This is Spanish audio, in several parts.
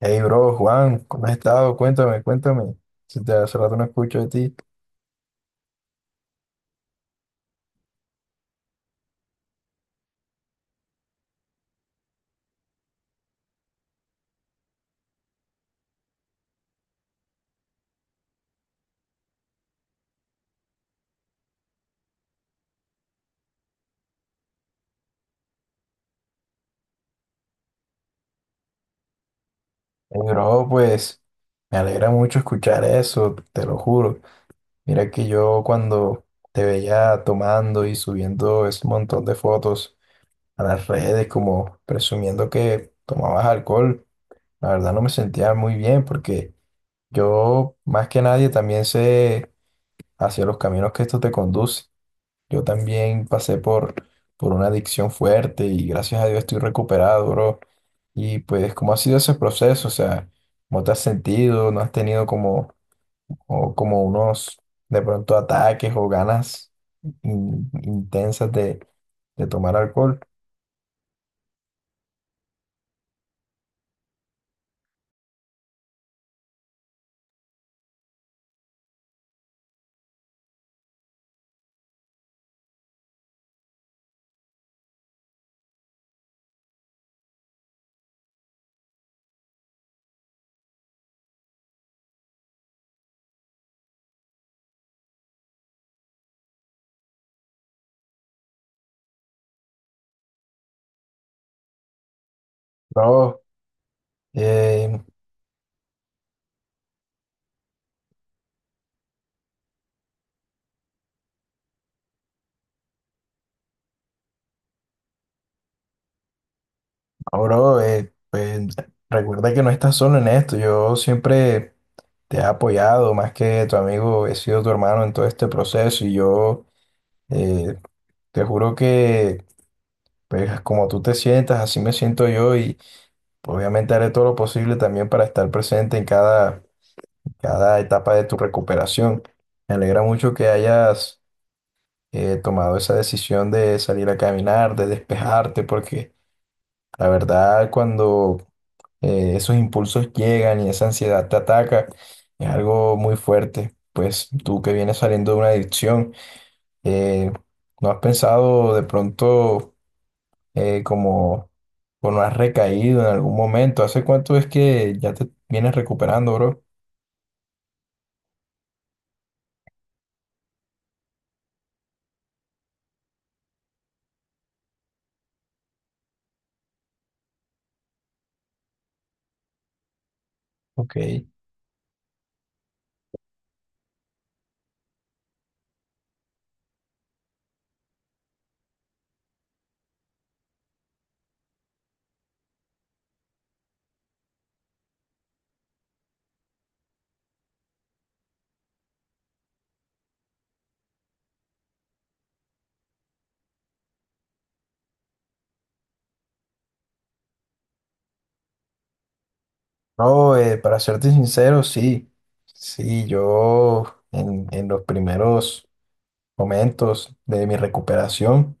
Hey, bro, Juan, ¿cómo has estado? Cuéntame, cuéntame. Si te hace rato no escucho de ti. Hey, bro, pues me alegra mucho escuchar eso, te lo juro. Mira que yo cuando te veía tomando y subiendo ese montón de fotos a las redes, como presumiendo que tomabas alcohol, la verdad no me sentía muy bien porque yo, más que nadie, también sé hacia los caminos que esto te conduce. Yo también pasé por una adicción fuerte y gracias a Dios estoy recuperado, bro. Y pues, ¿cómo ha sido ese proceso? O sea, ¿cómo te has sentido? ¿No has tenido como, o como unos, de pronto, ataques o ganas intensas de tomar alcohol? Bro, eh, no, bro, pues, recuerda que no estás solo en esto. Yo siempre te he apoyado, más que tu amigo, he sido tu hermano en todo este proceso y yo... eh, Te juro que, pues, como tú te sientas, así me siento yo y obviamente haré todo lo posible también para estar presente en cada, cada etapa de tu recuperación. Me alegra mucho que hayas tomado esa decisión de salir a caminar, de despejarte, porque la verdad cuando esos impulsos llegan y esa ansiedad te ataca, es algo muy fuerte. Pues tú que vienes saliendo de una adicción, eh, ¿no has pensado de pronto... como, o no has recaído en algún momento? ¿Hace cuánto es que ya te vienes recuperando, bro? Ok. No, para serte sincero, sí. Sí, yo en los primeros momentos de mi recuperación,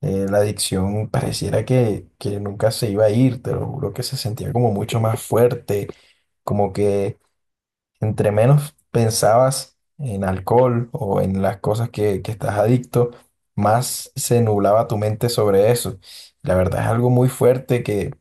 la adicción pareciera que nunca se iba a ir, te lo juro que se sentía como mucho más fuerte, como que entre menos pensabas en alcohol o en las cosas que estás adicto, más se nublaba tu mente sobre eso. La verdad es algo muy fuerte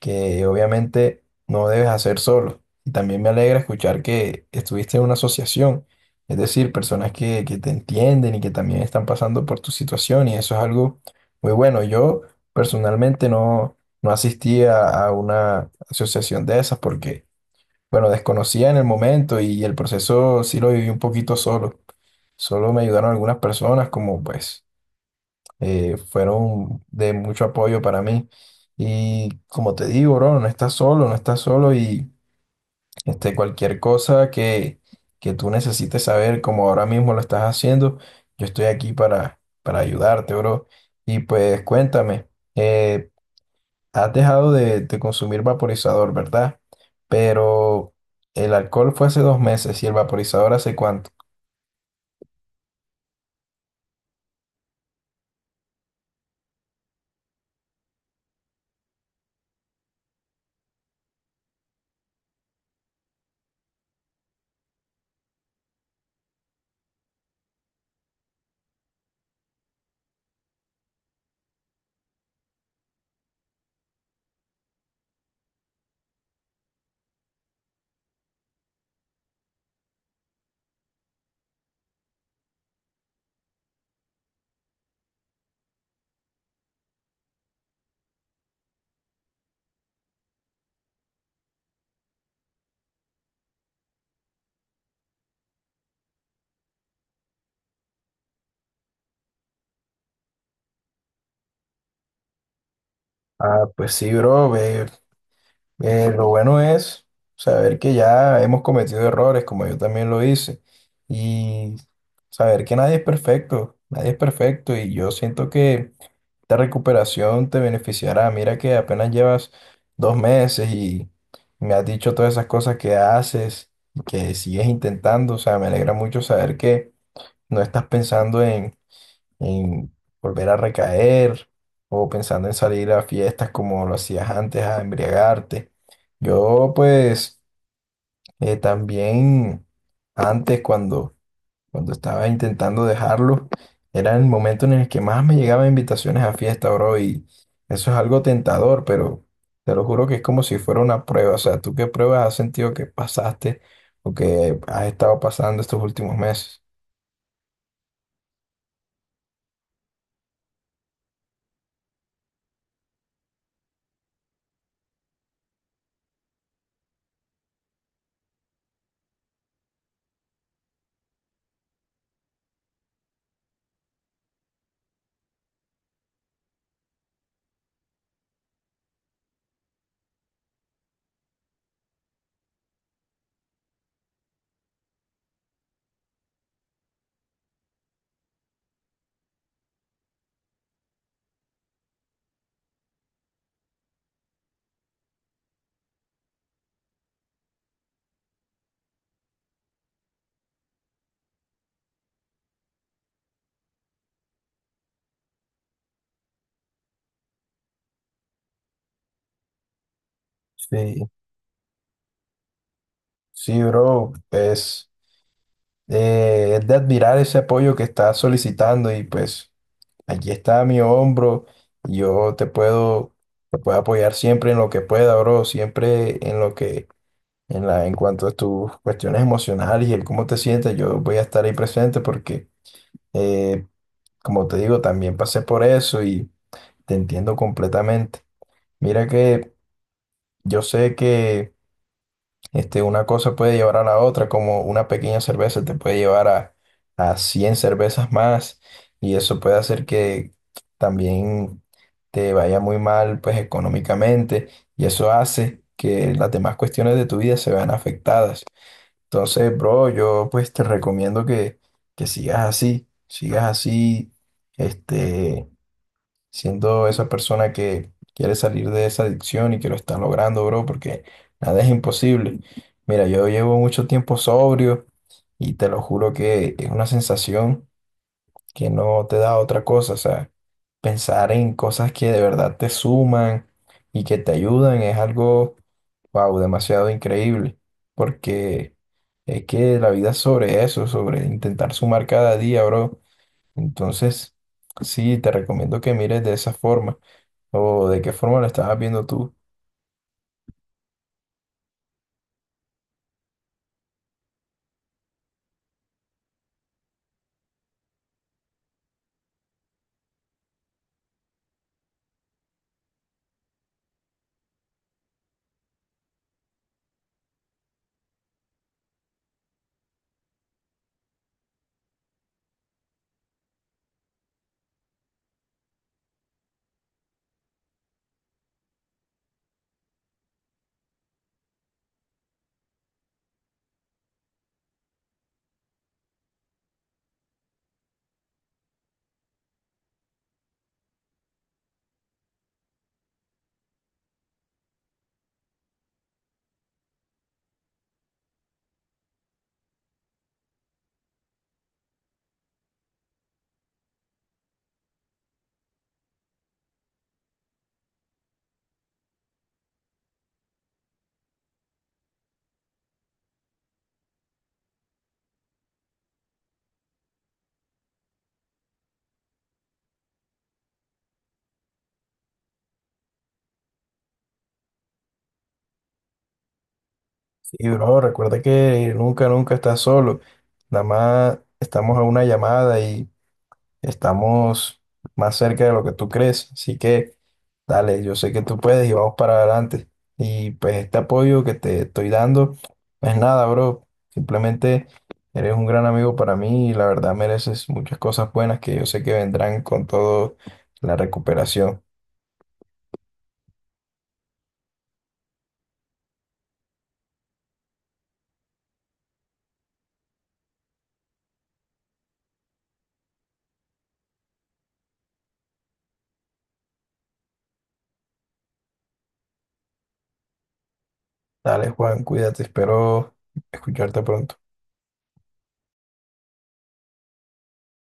que obviamente no debes hacer solo. Y también me alegra escuchar que estuviste en una asociación, es decir, personas que te entienden y que también están pasando por tu situación y eso es algo muy bueno. Yo personalmente no, no asistí a una asociación de esas porque... Bueno, desconocía en el momento y el proceso sí lo viví un poquito solo. Solo me ayudaron algunas personas, como pues fueron de mucho apoyo para mí. Y como te digo, bro, no estás solo, no estás solo y este, cualquier cosa que tú necesites saber, como ahora mismo lo estás haciendo, yo estoy aquí para ayudarte, bro. Y pues cuéntame, eh, ¿has dejado de consumir vaporizador, ¿verdad? Pero el alcohol fue hace 2 meses ¿y el vaporizador hace cuánto? Ah, pues sí, bro. Ve, lo bueno es saber que ya hemos cometido errores, como yo también lo hice, y saber que nadie es perfecto, nadie es perfecto, y yo siento que esta recuperación te beneficiará. Mira que apenas llevas 2 meses y me has dicho todas esas cosas que haces, que sigues intentando. O sea, me alegra mucho saber que no estás pensando en volver a recaer o pensando en salir a fiestas como lo hacías antes, a embriagarte. Yo pues también antes cuando estaba intentando dejarlo, era el momento en el que más me llegaban invitaciones a fiesta, bro, y eso es algo tentador, pero te lo juro que es como si fuera una prueba. O sea, ¿tú qué pruebas has sentido que pasaste o que has estado pasando estos últimos meses? Sí, sí, bro, pues es de admirar ese apoyo que estás solicitando y pues aquí está mi hombro, yo te puedo apoyar siempre en lo que pueda, bro, siempre en lo que en cuanto a tus cuestiones emocionales y el cómo te sientes, yo voy a estar ahí presente porque, eh, como te digo, también pasé por eso y te entiendo completamente. Mira que yo sé que este, una cosa puede llevar a la otra, como una pequeña cerveza te puede llevar a 100 cervezas más y eso puede hacer que también te vaya muy mal, pues, económicamente y eso hace que las demás cuestiones de tu vida se vean afectadas. Entonces, bro, yo pues te recomiendo que sigas así, este, siendo esa persona que quiere salir de esa adicción y que lo está logrando, bro, porque nada es imposible. Mira, yo llevo mucho tiempo sobrio y te lo juro que es una sensación que no te da otra cosa, o sea. Pensar en cosas que de verdad te suman y que te ayudan es algo, wow, demasiado increíble, porque es que la vida es sobre eso, sobre intentar sumar cada día, bro. Entonces, sí, te recomiendo que mires de esa forma o de qué forma lo estabas viendo tú. Y, bro, recuerda que nunca, nunca estás solo. Nada más estamos a una llamada y estamos más cerca de lo que tú crees, así que dale, yo sé que tú puedes y vamos para adelante. Y pues este apoyo que te estoy dando, no es nada, bro. Simplemente eres un gran amigo para mí y la verdad mereces muchas cosas buenas que yo sé que vendrán con todo la recuperación. Dale, Juan, cuídate, espero escucharte pronto.